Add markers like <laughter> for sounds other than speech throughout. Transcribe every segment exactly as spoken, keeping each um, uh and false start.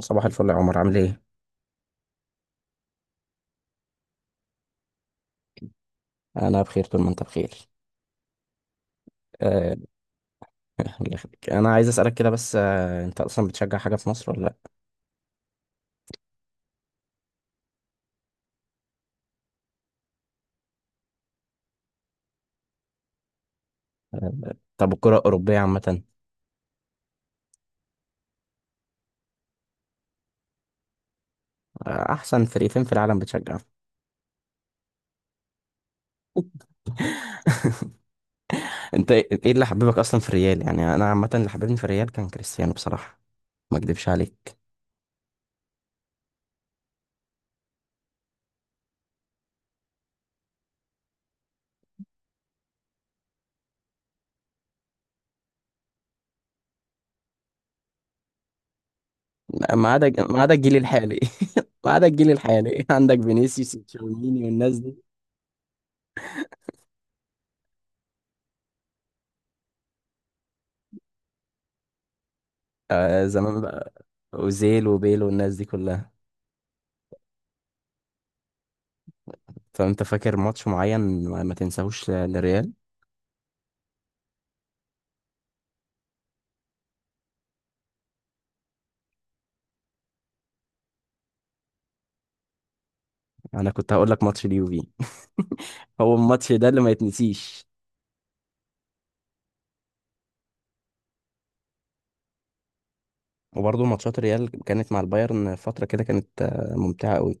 صباح الفل يا عمر، عامل ايه؟ انا بخير طول ما انت بخير. آه. <laughs> الله يخليك، انا عايز اسالك كده بس، آه، انت اصلا بتشجع حاجه في مصر ولا لا؟ آه، طب الكره الاوروبيه عامه؟ آه، احسن فريقين في العالم بتشجع. <laughs> انت ايه إيه اللي حببك اصلا في الريال؟ يعني انا عامه اللي حببني في الريال كان كريستيانو بصراحه، ما اكدبش عليك. ما عدا ما عدا الجيل الحالي. <laughs> ما عدا الجيل الحالي، <laughs> عندك فينيسيوس وتشاوميني والناس دي. آه، زمان بقى، اوزيل وبيل والناس دي كلها. فانت فاكر ماتش معين ما ما تنساهوش للريال؟ انا كنت هقول لك ماتش اليوفي. <laughs> هو الماتش ده اللي ما يتنسيش. وبرضه ماتشات ريال كانت مع البايرن فترة كده، كانت آه، ممتعة قوي.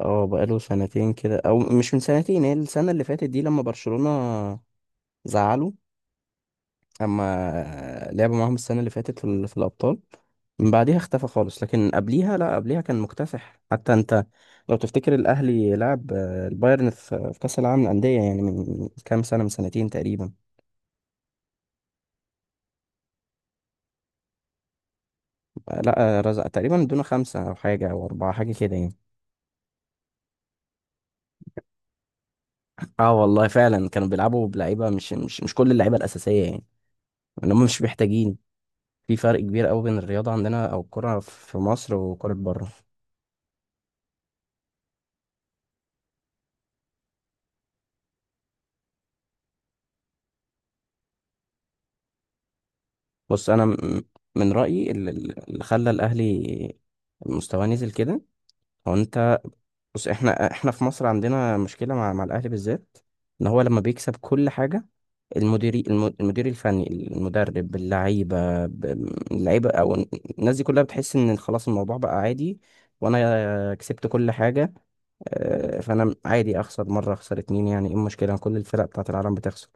اه، بقاله سنتين كده، او مش من سنتين، هي السنة اللي فاتت دي لما برشلونة زعلوا، اما لعبوا معاهم السنة اللي فاتت في, ال- في الابطال. من بعديها اختفى خالص، لكن قبليها، لا قبليها كان مكتسح. حتى انت لو تفتكر الاهلي لعب آه، البايرن في في كأس العالم للأندية يعني، من كام سنة، من سنتين تقريبا. لا، رزق تقريبا دون خمسة أو حاجة أو أربعة حاجة كده يعني. اه والله فعلا كانوا بيلعبوا بلعيبة مش مش مش كل اللعيبة الأساسية يعني، إن هم مش محتاجين. في فرق كبير قوي بين الرياضة عندنا أو الكرة في مصر وكرة بره. بص أنا م- من رأيي، اللي اللي خلى الأهلي مستواه نزل كده هو أنت. بص، احنا احنا في مصر عندنا مشكلة مع مع الأهلي بالذات، إن هو لما بيكسب كل حاجة، المدير المدير الفني، المدرب، اللعيبة ب- اللعيبة أو الناس دي كلها بتحس إن خلاص الموضوع بقى عادي، وأنا كسبت كل حاجة. آه، فأنا عادي أخسر مرة أخسر اتنين، يعني إيه المشكلة؟ كل الفرق بتاعت العالم بتخسر.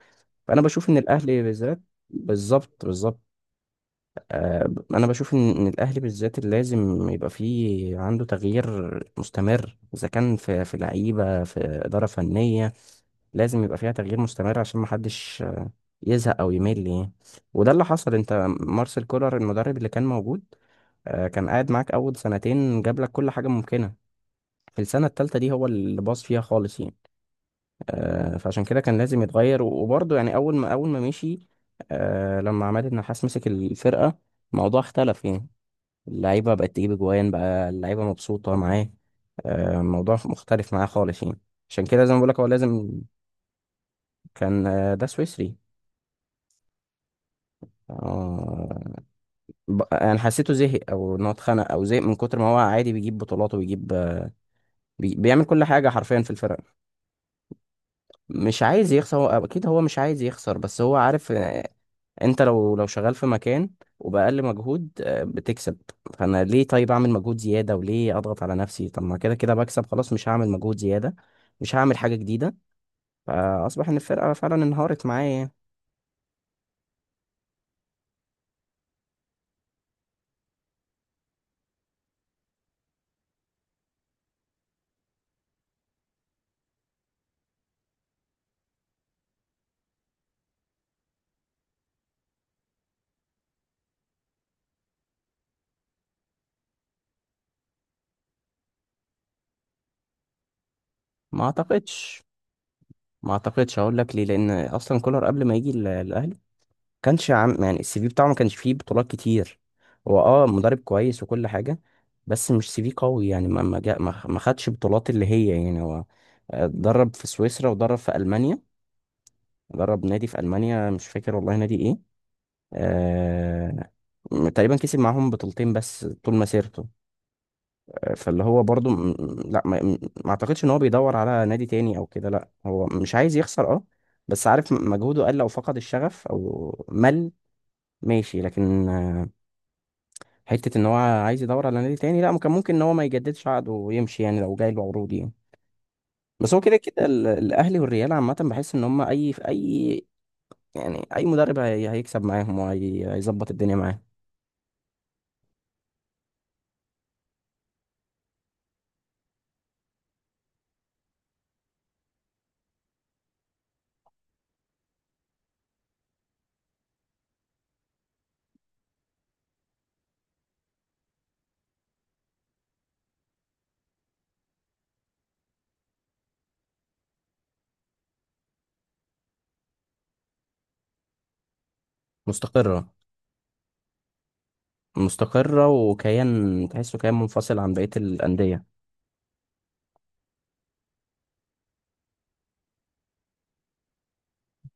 فأنا بشوف إن الأهلي بالذات. بالظبط بالظبط. آه، انا بشوف ان إن الاهلي بالذات اللي لازم يبقى فيه عنده تغيير مستمر، اذا كان في في لعيبه، في اداره فنيه، لازم يبقى فيها تغيير مستمر عشان ما حدش آه، يزهق او يمل يعني. وده اللي حصل. انت، مارسيل كولر المدرب اللي كان موجود، آه، كان قاعد معاك اول سنتين، جاب لك كل حاجه ممكنه. في السنه الثالثه دي هو اللي باظ فيها خالص يعني. آه، فعشان كده كان لازم يتغير، و- وبرضه يعني اول ما اول ما مشي، آه، لما عماد النحاس مسك الفرقه الموضوع اختلف يعني. اللعيبة بقت تجيب أجوان، بقى اللعيبة مبسوطة معاه. آه، الموضوع مختلف معاه خالص يعني. عشان كده زي ما بقولك هو لازم. كان، آه، ده سويسري. آه. ب- أنا حسيته زهق، أو إن هو اتخنق أو زهق من كتر ما هو عادي بيجيب بطولات وبيجيب، آه، بي- بيعمل كل حاجة حرفيا في الفرق. مش عايز يخسر، هو أكيد هو مش عايز يخسر، بس هو عارف. انت لو لو شغال في مكان وبأقل مجهود آه، بتكسب، فانا ليه طيب اعمل مجهود زيادة؟ وليه اضغط على نفسي؟ طب ما كده كده بكسب، خلاص مش هعمل مجهود زيادة، مش هعمل حاجة جديدة. فاصبح ان الفرقة فعلا انهارت معايا يعني. ما اعتقدش ما اعتقدش. هقول لك ليه، لان اصلا كولر قبل ما يجي ال- الاهلي، كانش عام، يعني السي في بتاعه ما كانش فيه بطولات كتير. هو، اه، مدرب كويس وكل حاجة، بس مش سي في قوي يعني، ما ما جا- ما ما خدش بطولات اللي هي يعني هو، آه، درب في سويسرا ودرب في ألمانيا، جرب نادي في ألمانيا مش فاكر والله نادي إيه. آه... م- تقريبا كسب معاهم بطولتين بس طول مسيرته. آه، فاللي هو برضو م... م- لا، ما... م- ما أعتقدش إن هو بيدور على نادي تاني أو كده. لا هو مش عايز يخسر، أه، بس عارف م- مجهوده قل أو فقد الشغف أو مل، ماشي، لكن آه، حتة إن هو عايز يدور على نادي تاني لا. ممكن ممكن إن هو ما يجددش عقده ويمشي يعني، لو جاي له عروض يعني. بس هو كده كده ال- الأهلي والريال عامة، بحس إن هم أي في أي، يعني اي مدرب هي- هيكسب معاهم وهيظبط الدنيا معاهم. مستقرة. مستقرة وكيان، تحسه كيان منفصل عن بقية الأندية.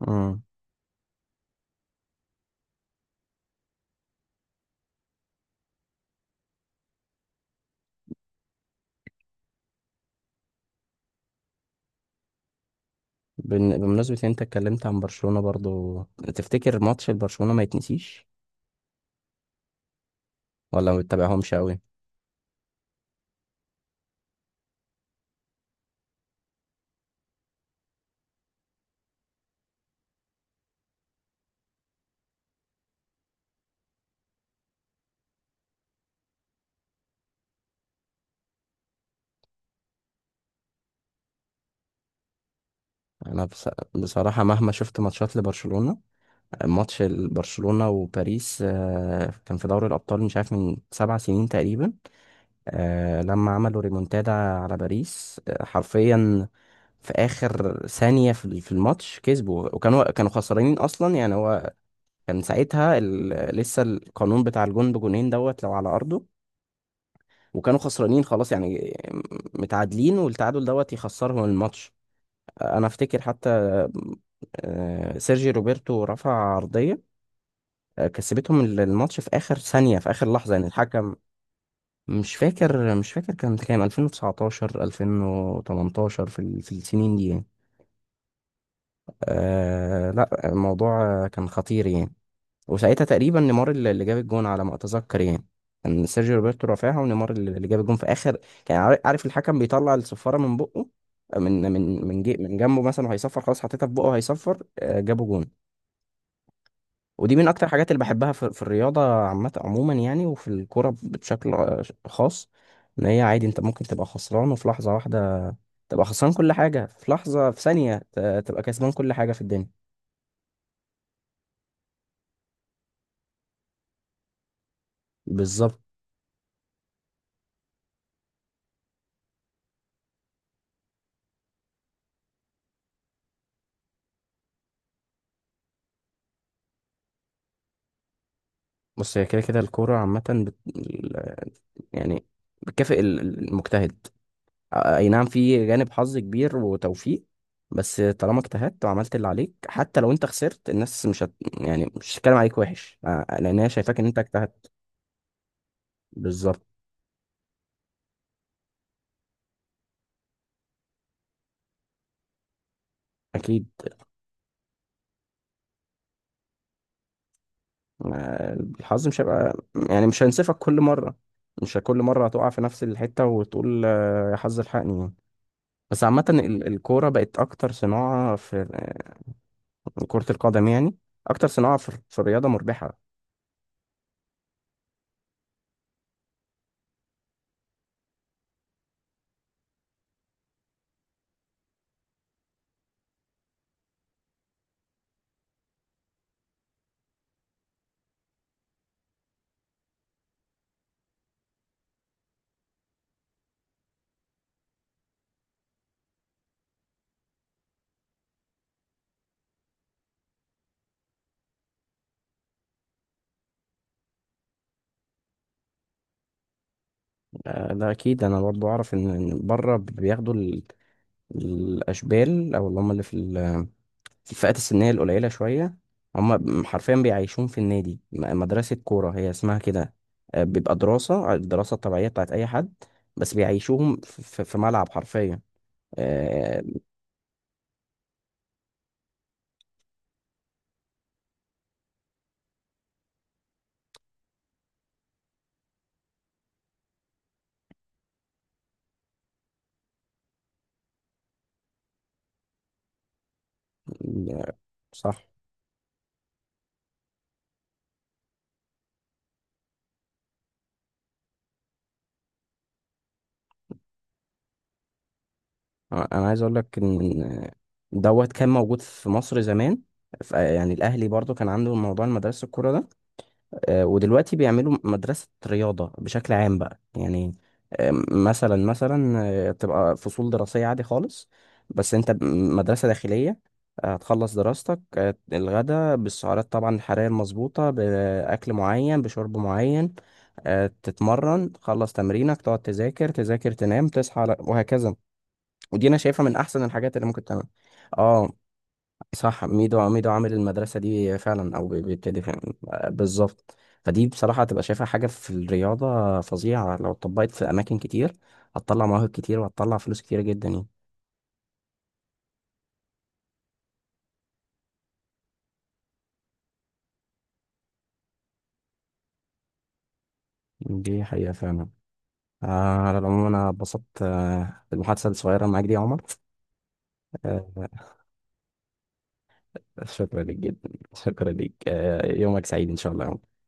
امم. بن- بمناسبة إن انت اتكلمت عن برشلونة برضو، تفتكر ماتش البرشلونة ما يتنسيش، ولا ما بتتابعهمش قوي؟ انا، بص. بصراحة، مهما شفت ماتشات لبرشلونة، ماتش برشلونة وباريس آه، كان في دوري الأبطال، مش عارف، من سبع سنين تقريبا. آه، لما عملوا ريمونتادا على باريس آه، حرفيا في اخر ثانية في في الماتش كسبوا، وكانوا كانوا خسرانين اصلا يعني. هو كان ساعتها ال... لسه القانون بتاع الجون بجونين دوت لو على ارضه، وكانوا خسرانين خلاص يعني، متعادلين والتعادل دوت يخسرهم الماتش. انا افتكر حتى آه، سيرجي روبرتو رفع عرضية، آه، كسبتهم ال- الماتش في آخر ثانية، في آخر لحظة، يعني الحكم، مش فاكر مش فاكر، كان كام، ألفين وتسعتاشر ألفين وتمنتاشر في ال- في السنين دي يعني. آه لا، الموضوع كان خطير يعني. وساعتها تقريبا نيمار اللي اللي جاب الجون على ما اتذكر يعني. كان سيرجيو روبرتو رافعها ونيمار اللي اللي جاب الجون في اخر. كان عار- عارف الحكم بيطلع الصفاره من بقه، من من من جي من جنبه مثلا، وهيصفر خلاص، حطيتها في بقه وهيصفر آه، جابوا جون. ودي من اكتر الحاجات اللي بحبها في, في الرياضه عامه عموما يعني، وفي الكوره بشكل آه، خاص، ان هي عادي انت ممكن تبقى خسران، وفي لحظه واحده تبقى خسران كل حاجه، في لحظه، في ثانيه ت- تبقى كسبان كل حاجه في الدنيا. بالظبط. بص، هي كده كده الكورة عامة بت... يعني بتكافئ ال- ال- المجتهد. أي نعم، في جانب حظ كبير وتوفيق، بس طالما اجتهدت وعملت اللي عليك، حتى لو انت خسرت الناس مش هت... يعني مش هتتكلم عليك وحش، آه، لأن هي شايفاك ان انت اجتهدت. بالظبط. أكيد. آه، الحظ مش هيبقى، يعني مش هينصفك كل مرة، مش كل مرة هتقع في نفس الحتة وتقول آه، يا حظ الحقني يعني. بس عامة ال- الكورة بقت أكتر صناعة في، آه، كرة القدم يعني، اكتر صناعه في في الرياضه مربحه. آه، ده اكيد. انا برضو اعرف ان إن بره بياخدوا ال- الاشبال، او اللي هم اللي في ال- في الفئات السنيه القليله شويه، هم حرفيا بيعيشون في النادي، م- مدرسه كوره هي اسمها كده. آه، بيبقى دراسه، الدراسه الطبيعيه بتاعت اي حد، بس بيعيشوهم في في- في ملعب حرفيا. آه. صح. انا عايز اقول لك ان دوت كان موجود في مصر زمان. ف- يعني الاهلي برضو كان عنده موضوع المدرسه الكوره ده. آه، ودلوقتي بيعملوا مدرسة رياضة بشكل عام بقى يعني. آه، مثلا مثلا، آه، تبقى فصول دراسية عادي خالص، بس انت ب- مدرسة داخلية. آه، هتخلص دراستك، آه، الغدا بالسعرات طبعا الحرارية المظبوطة، بأكل معين، بشرب معين، آه، تتمرن، تخلص تمرينك، تقعد تذاكر تذاكر تنام، تصحى على- وهكذا. ودي انا شايفها من احسن الحاجات اللي ممكن تعملها. اه، صح. ميدو ميدو عامل المدرسة دي فعلا، أو بي- بيبتدي فعلا، آه، بالظبط. فدي بصراحة، هتبقى شايفها حاجة في الرياضة فظيعة لو اتطبقت في أماكن كتير، هتطلع مواهب كتير، وهتطلع فلوس كتير جدا يعني. دي حقيقة فعلا. آه، على العموم أنا اتبسطت آه، بالمحادثة الصغيرة معاك دي يا عمر. آه، شكرا لك جدا، شكرا لك، آه، يومك سعيد إن شاء الله يا عمر.